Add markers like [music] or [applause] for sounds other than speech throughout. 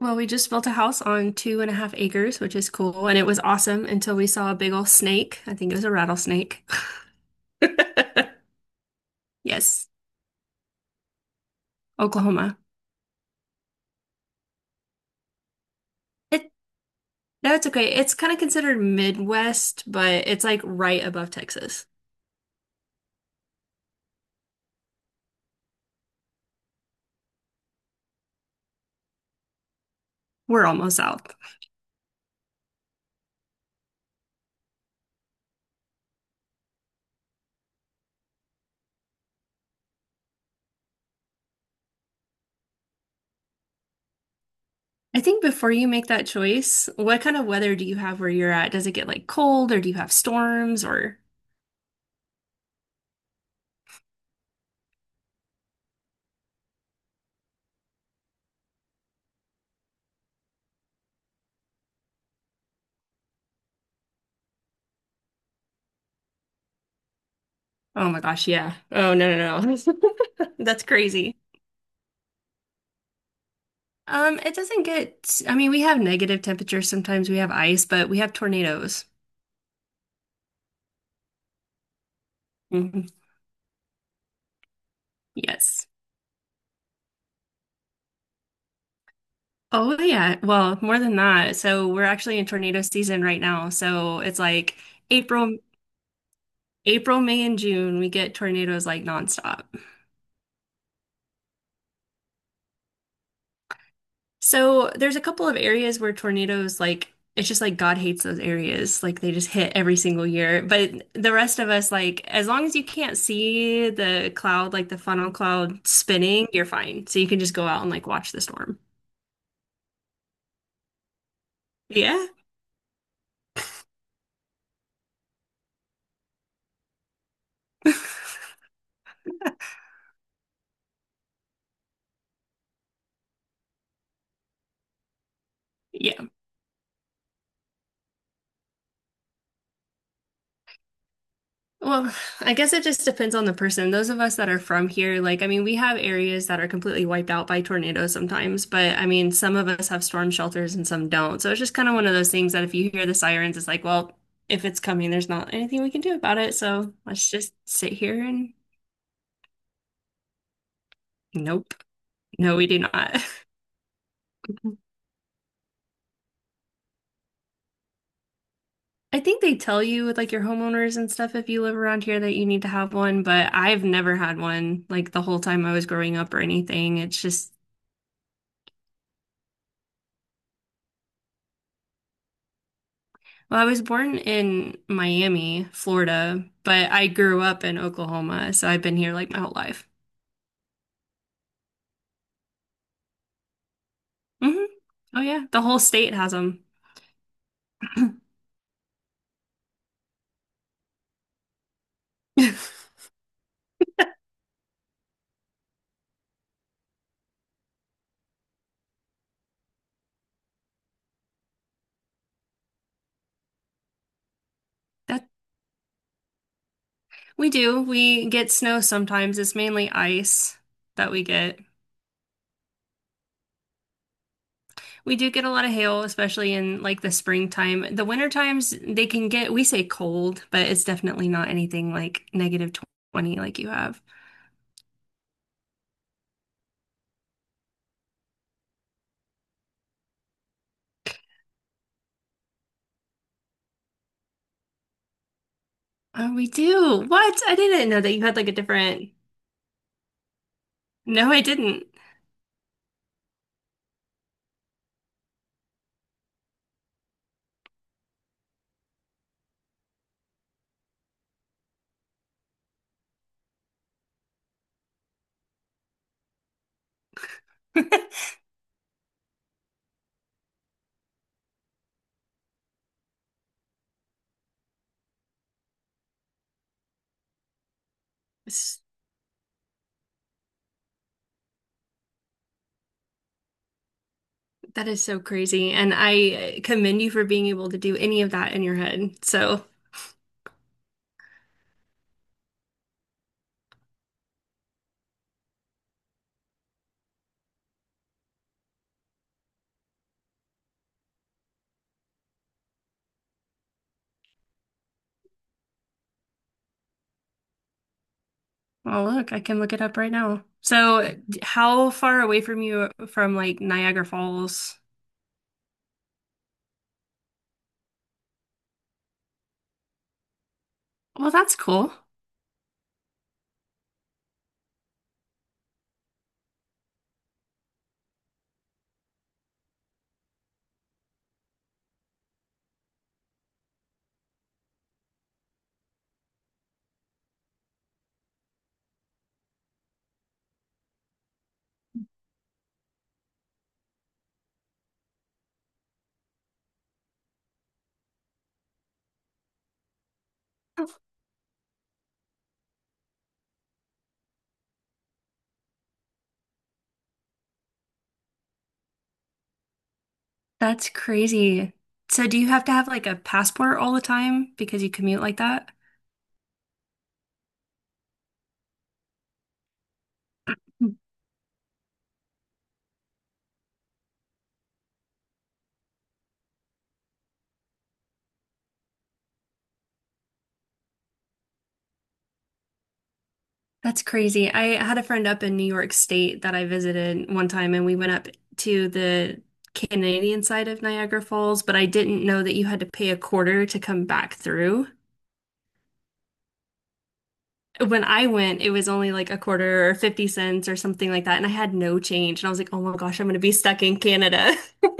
Well, we just built a house on 2.5 acres, which is cool, and it was awesome until we saw a big old snake. I think it was a rattlesnake. [laughs] Yes, Oklahoma. It No, it's okay. It's kind of considered Midwest, but it's like right above Texas. We're almost south. I think before you make that choice, what kind of weather do you have where you're at? Does it get like cold or do you have storms or oh my gosh, yeah. Oh, no, no, no. [laughs] That's crazy. It doesn't get, I mean, we have negative temperatures sometimes, we have ice, but we have tornadoes. Hmm. Yes. Oh, yeah. Well, more than that. So we're actually in tornado season right now. So it's like April, April, May, and June, we get tornadoes like nonstop. So there's a couple of areas where tornadoes, like, it's just like God hates those areas. Like they just hit every single year. But the rest of us, like, as long as you can't see the cloud, like the funnel cloud spinning, you're fine. So you can just go out and like watch the storm. Yeah. [laughs] Yeah. Well, I guess it just depends on the person. Those of us that are from here, like, I mean, we have areas that are completely wiped out by tornadoes sometimes, but I mean, some of us have storm shelters and some don't. So it's just kind of one of those things that if you hear the sirens, it's like, well, if it's coming, there's not anything we can do about it. So let's just sit here and nope. No, we do not. [laughs] I think they tell you with like your homeowners and stuff if you live around here that you need to have one, but I've never had one like the whole time I was growing up or anything. It's just well, I was born in Miami, Florida, but I grew up in Oklahoma, so I've been here like my whole life. Hmm. Oh yeah, the whole state has them. [laughs] That we do. We get snow sometimes. It's mainly ice that we get. We do get a lot of hail, especially in like the springtime. The winter times they can get, we say cold, but it's definitely not anything like negative 20 like you have. Oh, we do. What? I didn't know that you had like a different. No, I didn't. [laughs] That is so crazy. And I commend you for being able to do any of that in your head. So, oh, look, I can look it up right now. So, how far away from you from like Niagara Falls? Well, that's cool. That's crazy. So, do you have to have like a passport all the time because you commute like that? Hmm. That's crazy. I had a friend up in New York State that I visited one time, and we went up to the Canadian side of Niagara Falls, but I didn't know that you had to pay a quarter to come back through. When I went, it was only like a quarter or 50 cents or something like that, and I had no change. And I was like, oh my gosh, I'm going to be stuck in Canada. [laughs]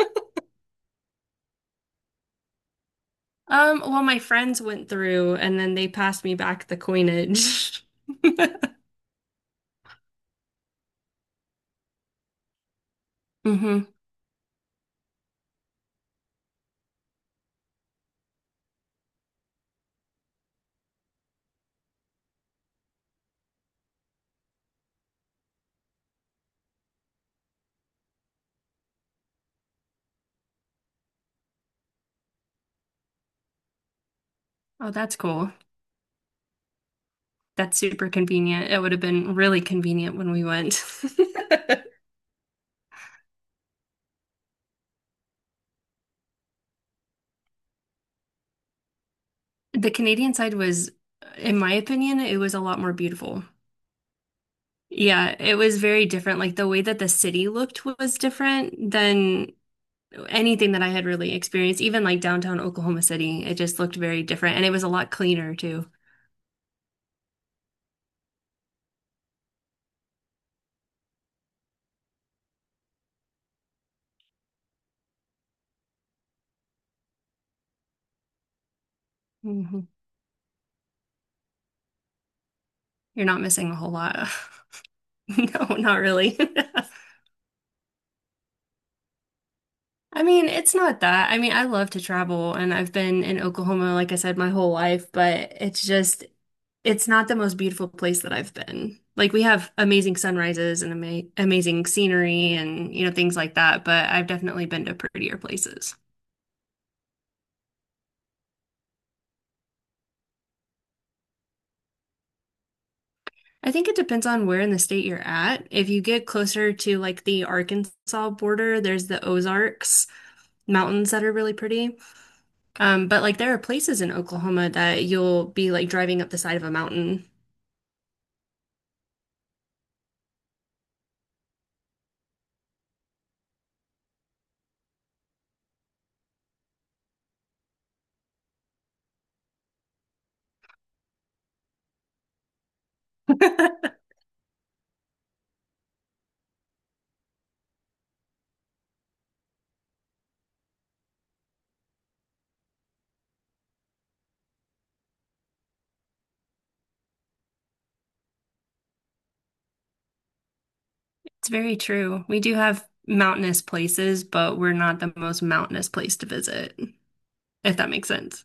Well, my friends went through, and then they passed me back the coinage. [laughs] Hmm. Oh, that's cool. That's super convenient. It would have been really convenient when we went. [laughs] The Canadian side was, in my opinion, it was a lot more beautiful. Yeah, it was very different. Like the way that the city looked was different than anything that I had really experienced, even like downtown Oklahoma City. It just looked very different and it was a lot cleaner too. Hmm. You're not missing a whole lot. [laughs] No, not really. [laughs] I mean, it's not that. I mean, I love to travel and I've been in Oklahoma, like I said, my whole life, but it's just it's not the most beautiful place that I've been. Like we have amazing sunrises and amazing scenery and you know things like that, but I've definitely been to prettier places. I think it depends on where in the state you're at. If you get closer to like the Arkansas border, there's the Ozarks mountains that are really pretty. But like there are places in Oklahoma that you'll be like driving up the side of a mountain. It's very true. We do have mountainous places, but we're not the most mountainous place to visit, if that makes sense.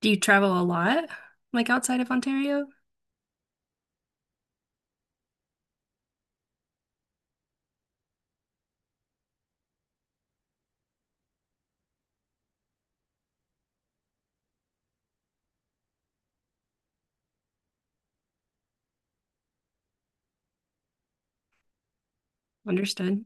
Do you travel a lot, like outside of Ontario? Understood.